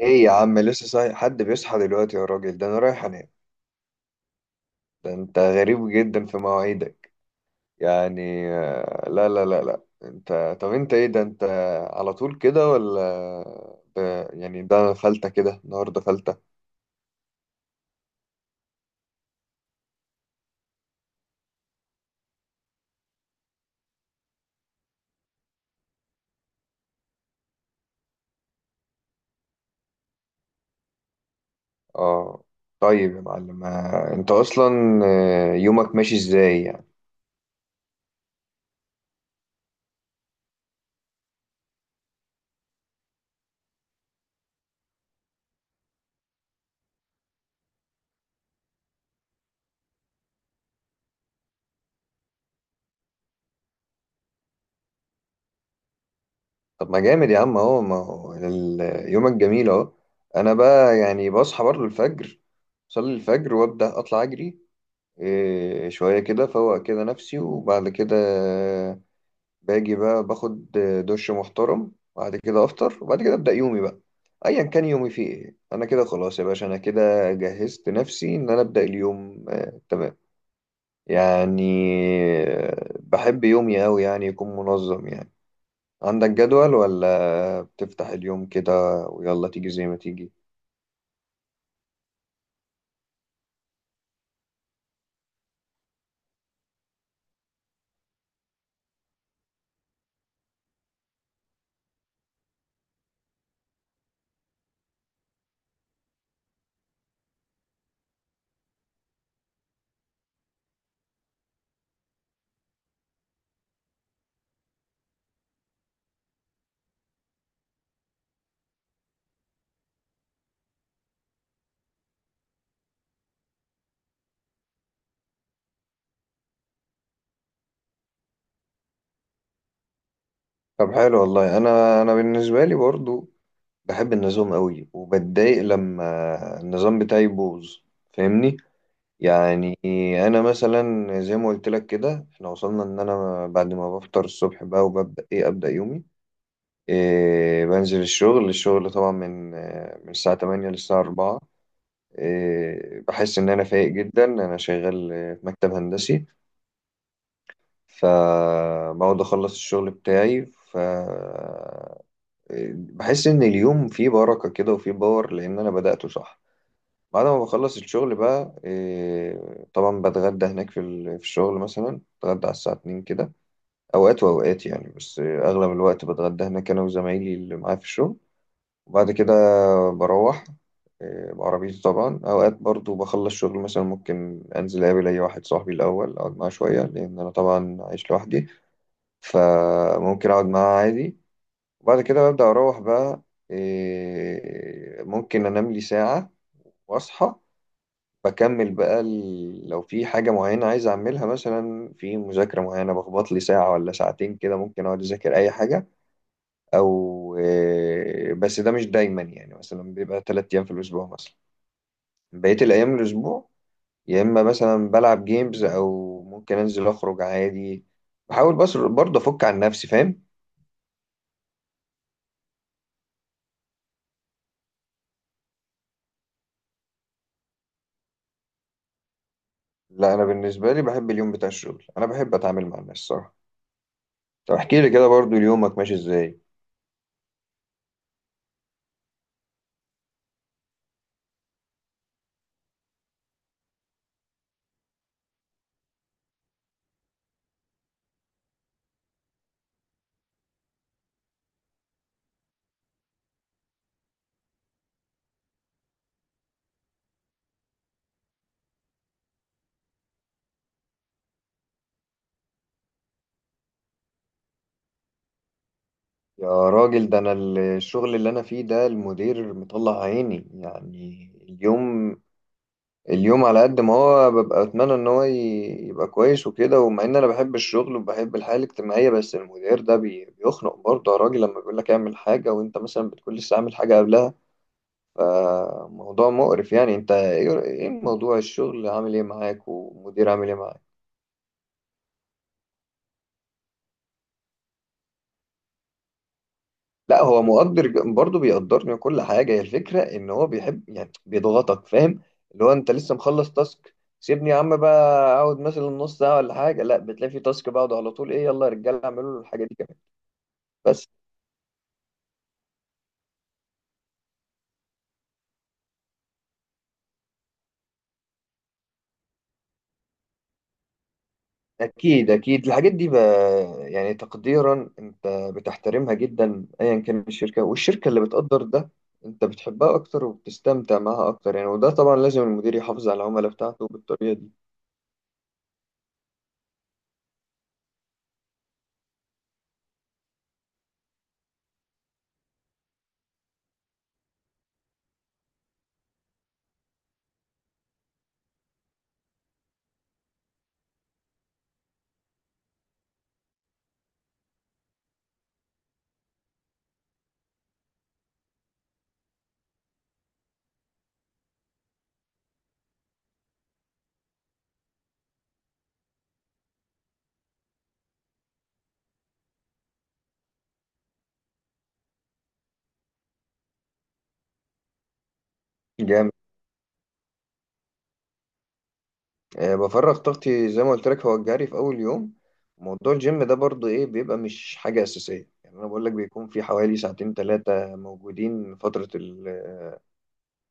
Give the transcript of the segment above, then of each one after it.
ايه يا عم، لسه صاحي؟ حد بيصحى دلوقتي يا راجل؟ ده انا رايح انام. ده انت غريب جدا في مواعيدك. يعني لا لا لا لا، انت، طب انت ايه؟ ده انت على طول كده ولا ب... يعني ده فلتة كده، النهارده فلتة. اه، طيب يا معلم. انت اصلا يومك ماشي ازاي يعني؟ طب ما جامد يا عم اهو. ما هو يومك جميل اهو. انا بقى يعني بصحى برضه الفجر، صلي الفجر وابدا اطلع اجري، إيه شوية كده فوق كده نفسي، وبعد كده باجي بقى باخد دش محترم. بعد كده أفطر، وبعد كده أبدأ يومي بقى، أيا كان يومي فيه إيه. أنا كده خلاص يا باشا، أنا كده جهزت نفسي إن أنا أبدأ اليوم. آه تمام يعني. بحب يومي أوي يعني يكون منظم يعني. عندك جدول ولا بتفتح اليوم كده ويلا تيجي زي ما تيجي؟ طب حلو والله. أنا بالنسبة لي برضو بحب النظام قوي، وبتضايق لما النظام بتاعي يبوظ، فاهمني؟ يعني انا مثلا زي ما قلت لك كده، احنا وصلنا ان انا بعد ما بفطر الصبح بقى وببدا ايه ابدا يومي. إيه بنزل الشغل طبعا من من الساعه 8 للساعه 4. إيه بحس ان انا فايق جدا. انا شغال في مكتب هندسي، فبقعد اخلص الشغل بتاعي. ف إيه، بحس ان اليوم فيه بركة كده وفيه باور لان انا بدأته صح. بعد ما بخلص الشغل بقى إيه، طبعا بتغدى هناك في في الشغل، مثلا بتغدى على الساعة 2 كده، أوقات وأوقات يعني. بس إيه، أغلب الوقت بتغدى هناك أنا وزمايلي اللي معايا في الشغل. وبعد كده بروح إيه، بعربيتي طبعا. أوقات برضو بخلص شغل مثلا ممكن أنزل أقابل أي واحد صاحبي الأول، أقعد معاه شوية لأن أنا طبعا عايش لوحدي، فممكن أقعد معاه عادي. وبعد كده ببدأ أروح بقى إيه، ممكن أنام لي ساعة وأصحى، بكمل بقى لو في حاجة معينة عايز أعملها مثلا في مذاكرة معينة، بخبط لي ساعة ولا ساعتين كده، ممكن أقعد أذاكر أي حاجة. أو بس ده مش دايما يعني، مثلا بيبقى تلات أيام في الأسبوع مثلا. بقية الأيام الأسبوع يا إما مثلا بلعب جيمز أو ممكن أنزل أخرج عادي. بحاول بس برضه أفك عن نفسي، فاهم؟ لا، أنا بالنسبة لي بحب اليوم بتاع الشغل. أنا بحب أتعامل مع الناس صراحة. طب احكي لي كده برضه يومك ماشي إزاي؟ يا راجل، ده انا الشغل اللي انا فيه ده المدير مطلع عيني. يعني اليوم، اليوم على قد ما هو ببقى اتمنى ان هو يبقى كويس وكده، ومع ان انا بحب الشغل وبحب الحياة الاجتماعية، بس المدير ده بيخنق برضه يا راجل، لما بيقول لك اعمل حاجة وانت مثلا بتكون لسه عامل حاجة قبلها. فموضوع مقرف يعني. انت ايه؟ إيه موضوع الشغل عامل ايه معاك ومدير عامل ايه معاك؟ لا، هو مقدر برضه بيقدرني وكل حاجة. هي الفكرة إن هو بيحب يعني بيضغطك، فاهم؟ اللي هو أنت لسه مخلص تاسك، سيبني يا عم بقى، أقعد مثلا نص ساعة ولا حاجة. لا، بتلاقي في تاسك بعد على طول، إيه يلا يا رجالة اعملوا الحاجة دي كمان. بس أكيد أكيد الحاجات دي بقى يعني تقديرا، أنت بتحترمها جدا. أيا كان الشركة، والشركة اللي بتقدر ده أنت بتحبها أكتر وبتستمتع معاها أكتر يعني. وده طبعا لازم المدير يحافظ على العملاء بتاعته بالطريقة دي. جامد. بفرغ طاقتي زي ما قلت لك، هو الجري في اول يوم. موضوع الجيم ده برضو ايه، بيبقى مش حاجه اساسيه يعني. انا بقول لك بيكون في حوالي ساعتين ثلاثه موجودين فتره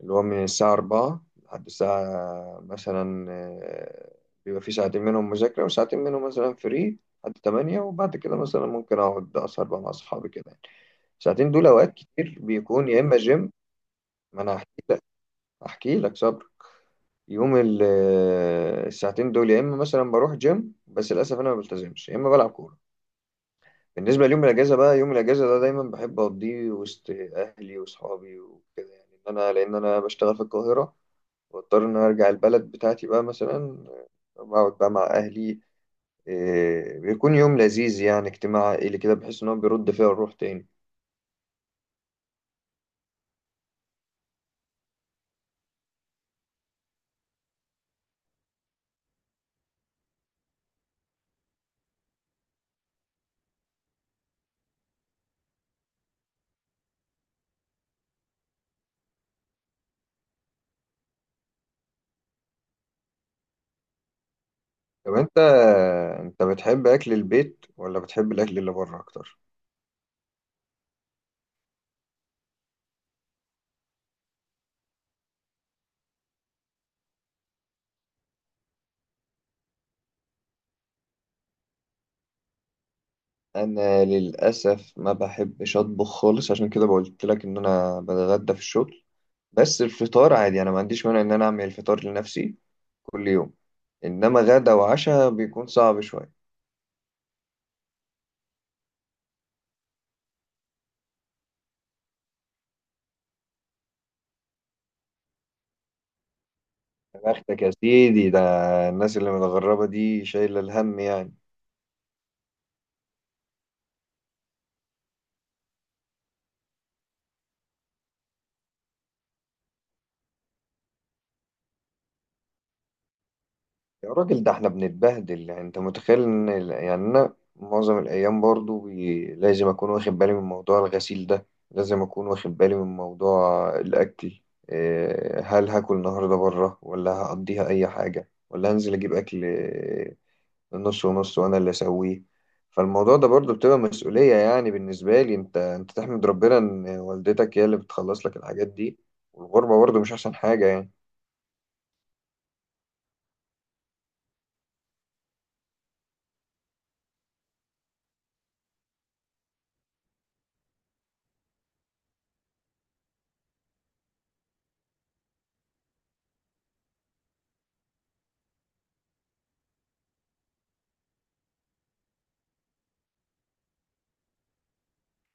اللي هو من الساعه 4 لحد الساعه مثلا بيبقى في ساعتين منهم مذاكره وساعتين منهم مثلا فري لحد 8. وبعد كده مثلا ممكن اقعد اسهر بقى مع اصحابي كده يعني. ساعتين دول اوقات كتير بيكون يا اما جيم. ما انا هحكي، احكي لك صبرك. يوم الساعتين دول يا اما مثلا بروح جيم، بس للاسف انا ما بلتزمش، يا اما بلعب كوره. بالنسبه ليوم الاجازه بقى، يوم الاجازه ده دايما بحب اقضيه وسط اهلي واصحابي وكده يعني، ان انا لان انا بشتغل في القاهره، واضطر ان أنا ارجع البلد بتاعتي بقى مثلا، بقعد بقى مع اهلي. إيه، بيكون يوم لذيذ يعني، اجتماع عائلي كده، بحس ان هو بيرد فيها الروح تاني. طب انت، انت بتحب اكل البيت ولا بتحب الاكل اللي بره اكتر؟ انا للاسف ما بحبش اطبخ خالص، عشان كده قلت لك ان انا بتغدى في الشغل. بس الفطار عادي، انا ما عنديش مانع ان انا اعمل الفطار لنفسي كل يوم، انما غدا وعشاء بيكون صعب شويه. يا بختك يا سيدي، ده الناس اللي متغربه دي شايله الهم يعني. يا راجل، ده احنا بنتبهدل يعني. انت متخيل ان يعني انا معظم الايام برضو لازم اكون واخد بالي من موضوع الغسيل ده، لازم اكون واخد بالي من موضوع الاكل. إيه، هل هاكل النهارده بره ولا هقضيها اي حاجه ولا هنزل اجيب اكل؟ إيه، نص ونص وانا اللي اسويه. فالموضوع ده برضو بتبقى مسؤوليه يعني بالنسبه لي. انت، انت تحمد ربنا ان والدتك هي اللي بتخلص لك الحاجات دي، والغربه برضو مش احسن حاجه يعني.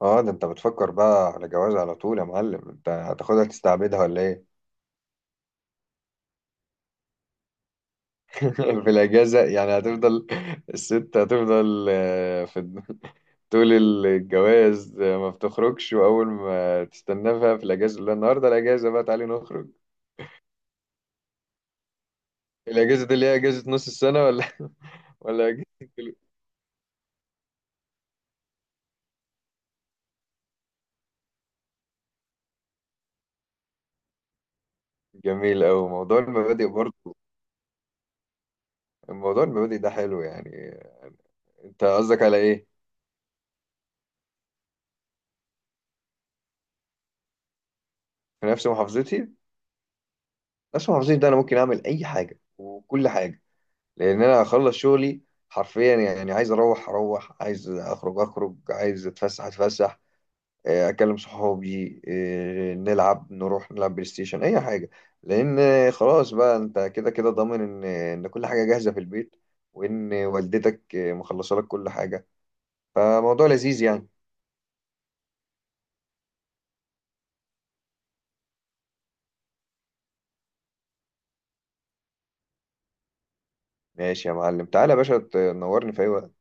اه، ده انت بتفكر بقى على جواز على طول يا معلم. انت هتاخدها تستعبدها ولا ايه؟ في الاجازه يعني هتفضل الست هتفضل في طول الجواز. ما بتخرجش، واول ما تستناه بقى في الاجازه، لا، النهارده الاجازه بقى تعالي نخرج. الاجازه دي اللي هي اجازه نص السنه ولا ولا اجازه جميل أوي موضوع المبادئ برضه. الموضوع المبادئ ده حلو يعني. انت قصدك على ايه؟ في نفس محافظتي؟ نفس محافظتي ده انا ممكن اعمل اي حاجه وكل حاجه، لان انا هخلص شغلي حرفيا يعني. عايز اروح اروح، عايز اخرج اخرج، عايز اتفسح اتفسح، اكلم صحابي، نلعب، نروح نلعب بلاي ستيشن اي حاجه. لان خلاص بقى، انت كده كده ضامن ان كل حاجه جاهزه في البيت، وان والدتك مخلصه لك كل حاجه، فموضوع لذيذ يعني. ماشي يا معلم، تعالى يا باشا تنورني في اي وقت.